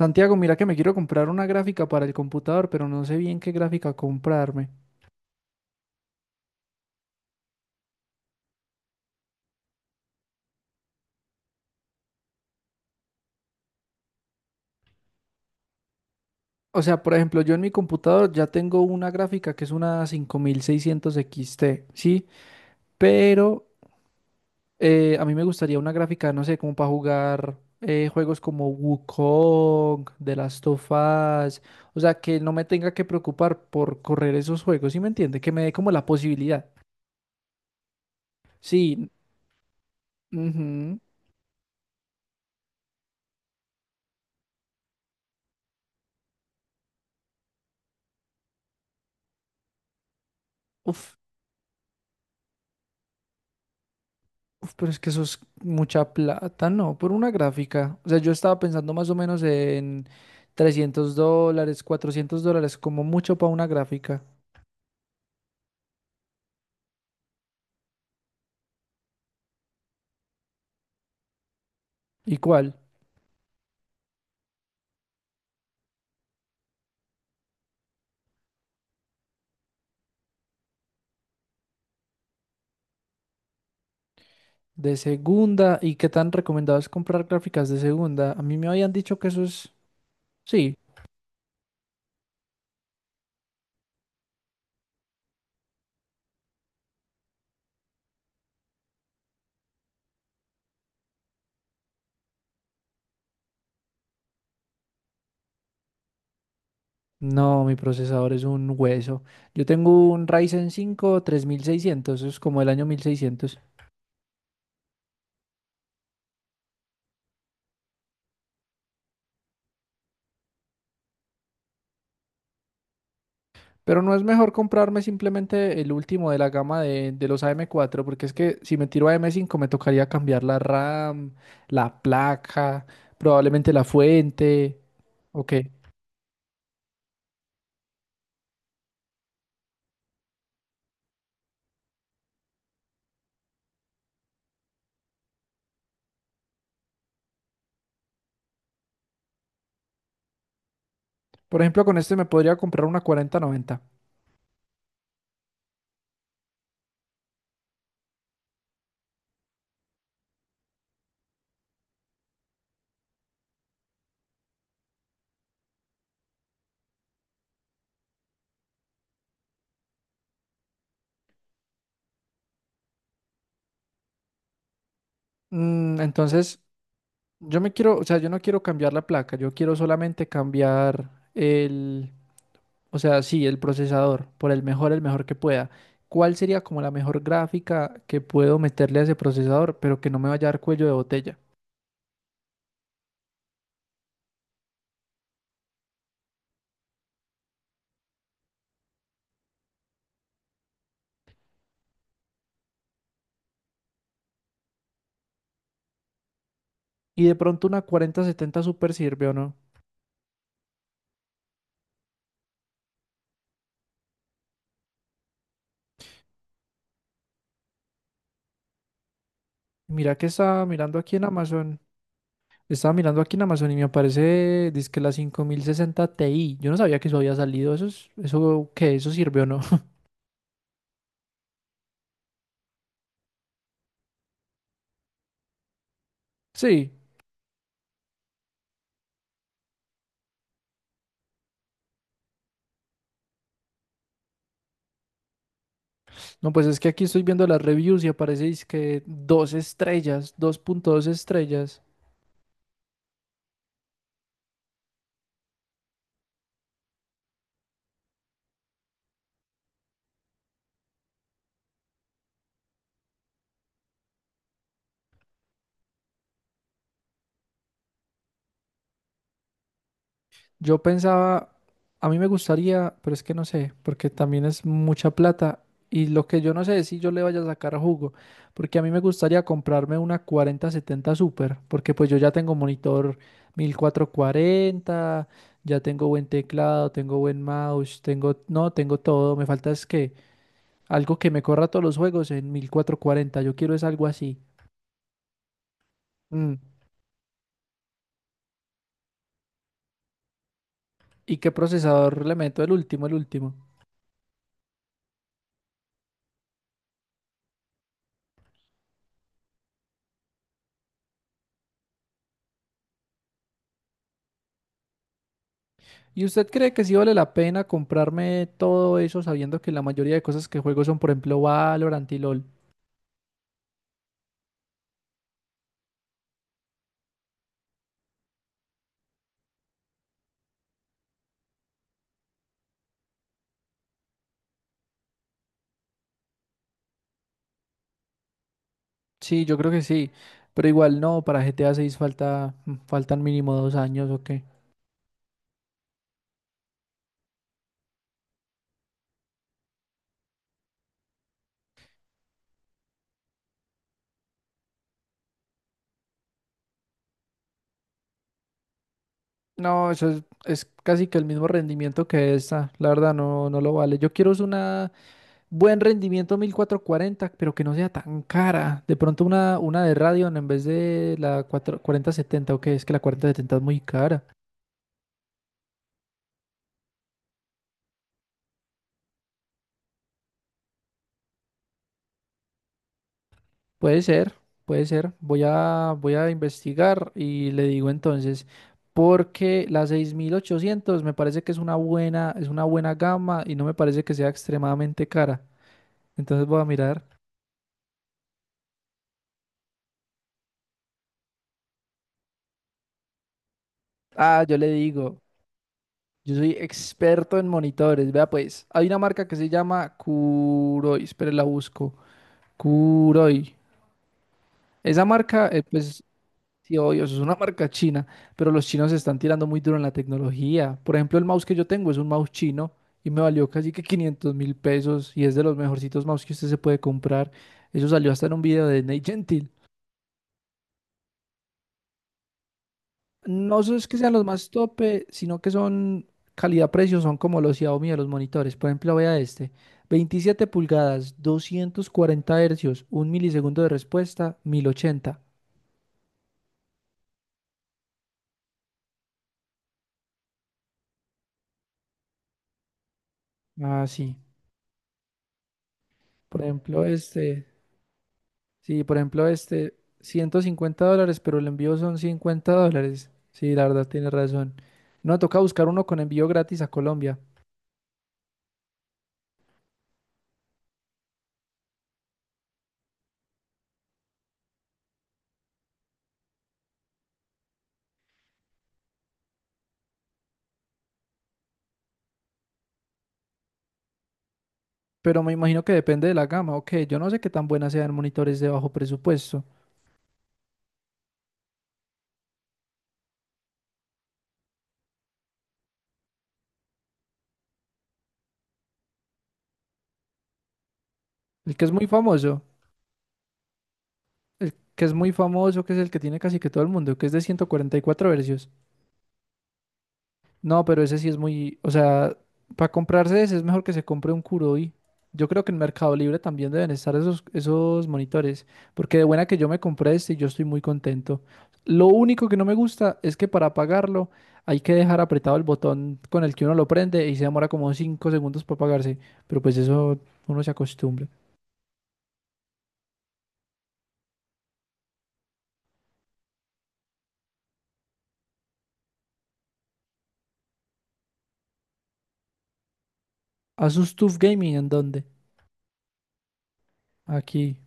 Santiago, mira que me quiero comprar una gráfica para el computador, pero no sé bien qué gráfica comprarme. O sea, por ejemplo, yo en mi computador ya tengo una gráfica que es una 5600 XT, ¿sí? Pero a mí me gustaría una gráfica, no sé, como para jugar juegos como Wukong, The Last of Us, o sea, que no me tenga que preocupar por correr esos juegos, ¿sí me entiende? Que me dé como la posibilidad. Sí. Ujú. Uf, Uf, pero es que eso es mucha plata, no, por una gráfica. O sea, yo estaba pensando más o menos en $300, $400, como mucho para una gráfica. ¿Y cuál? De segunda. ¿Y qué tan recomendado es comprar gráficas de segunda? A mí me habían dicho que eso es... Sí. No, mi procesador es un hueso. Yo tengo un Ryzen 5 3600, eso es como el año 1600. Pero no es mejor comprarme simplemente el último de la gama de los AM4, porque es que si me tiro a m 5 me tocaría cambiar la RAM, la placa, probablemente la fuente. Ok. Por ejemplo, con este me podría comprar una 4090. Entonces, yo me quiero, o sea, yo no quiero cambiar la placa, yo quiero solamente cambiar el, o sea, sí, el procesador por el mejor que pueda. ¿Cuál sería como la mejor gráfica que puedo meterle a ese procesador, pero que no me vaya a dar cuello de botella? Y de pronto una 4070 Super sirve o no. Mira que estaba mirando aquí en Amazon. Estaba mirando aquí en Amazon y me aparece, dizque la 5060 Ti. Yo no sabía que eso había salido. ¿Eso es, eso qué? ¿Eso sirve o no? Sí. No, pues es que aquí estoy viendo las reviews y aparece, dizque dos estrellas, 2.2 estrellas. Yo pensaba, a mí me gustaría, pero es que no sé, porque también es mucha plata y lo que yo no sé es si yo le vaya a sacar jugo, porque a mí me gustaría comprarme una 4070 Super, porque pues yo ya tengo monitor 1440, ya tengo buen teclado, tengo buen mouse, tengo, no, tengo todo, me falta es que algo que me corra todos los juegos en 1440. Yo quiero es algo así. Mm. ¿Y qué procesador le meto? El último, el último. ¿Y usted cree que sí vale la pena comprarme todo eso sabiendo que la mayoría de cosas que juego son, por ejemplo, Valorant y LOL? Sí, yo creo que sí, pero igual no, para GTA 6 falta, faltan mínimo 2 años o qué. No, eso es casi que el mismo rendimiento que esta, la verdad no, no lo vale. Yo quiero es una buen rendimiento 1440 pero que no sea tan cara. De pronto una de Radeon en vez de la 4070 o qué, es que la 4070 es muy cara. Puede ser, puede ser. Voy a investigar y le digo entonces, porque la 6800 me parece que es una buena gama y no me parece que sea extremadamente cara. Entonces voy a mirar. Ah, yo le digo, yo soy experto en monitores. Vea pues, hay una marca que se llama Kuroi, espere la busco. Kuroi. Esa marca, pues sí, obvio, eso es una marca china, pero los chinos se están tirando muy duro en la tecnología. Por ejemplo, el mouse que yo tengo es un mouse chino y me valió casi que 500 mil pesos y es de los mejorcitos mouse que usted se puede comprar. Eso salió hasta en un video de Nate Gentil. No so- Es que sean los más tope, sino que son calidad-precio, son como los Xiaomi de los monitores. Por ejemplo, vea este, 27 pulgadas, 240 hercios, un milisegundo de respuesta, 1080. Ah, sí. Por ejemplo, este. Sí, por ejemplo, este, $150, pero el envío son $50. Sí, la verdad tienes razón. No, toca buscar uno con envío gratis a Colombia. Pero me imagino que depende de la gama. Ok, yo no sé qué tan buenas sean monitores de bajo presupuesto. El que es muy famoso, el que es muy famoso, que es el que tiene casi que todo el mundo, que es de 144 Hz. No, pero ese sí es muy, o sea, para comprarse ese es mejor que se compre un Kuroi. Yo creo que en Mercado Libre también deben estar esos monitores, porque de buena que yo me compré este y yo estoy muy contento. Lo único que no me gusta es que para apagarlo hay que dejar apretado el botón con el que uno lo prende y se demora como 5 segundos para apagarse, pero pues eso uno se acostumbra. ¿Asus TUF Gaming en dónde? Aquí,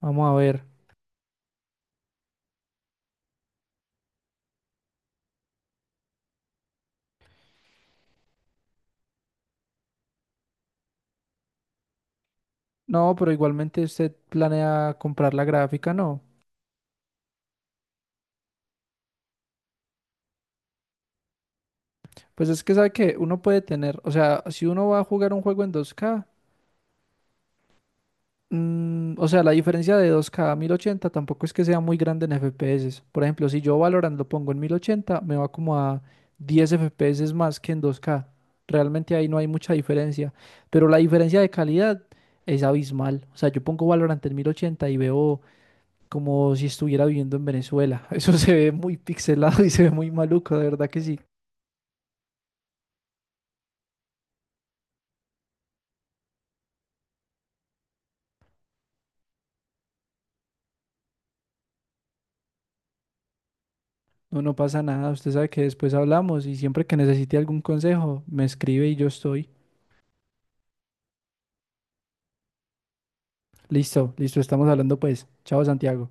vamos a ver. No, pero igualmente usted planea comprar la gráfica, ¿no? Pues es que sabe que uno puede tener, o sea, si uno va a jugar un juego en 2K, o sea, la diferencia de 2K a 1080 tampoco es que sea muy grande en FPS. Por ejemplo, si yo Valorant lo pongo en 1080, me va como a 10 FPS más que en 2K. Realmente ahí no hay mucha diferencia, pero la diferencia de calidad es abismal. O sea, yo pongo Valorant en 1080 y veo como si estuviera viviendo en Venezuela. Eso se ve muy pixelado y se ve muy maluco, de verdad que sí. No, no pasa nada. Usted sabe que después hablamos y siempre que necesite algún consejo, me escribe y yo estoy. Listo, listo, estamos hablando pues. Chao, Santiago.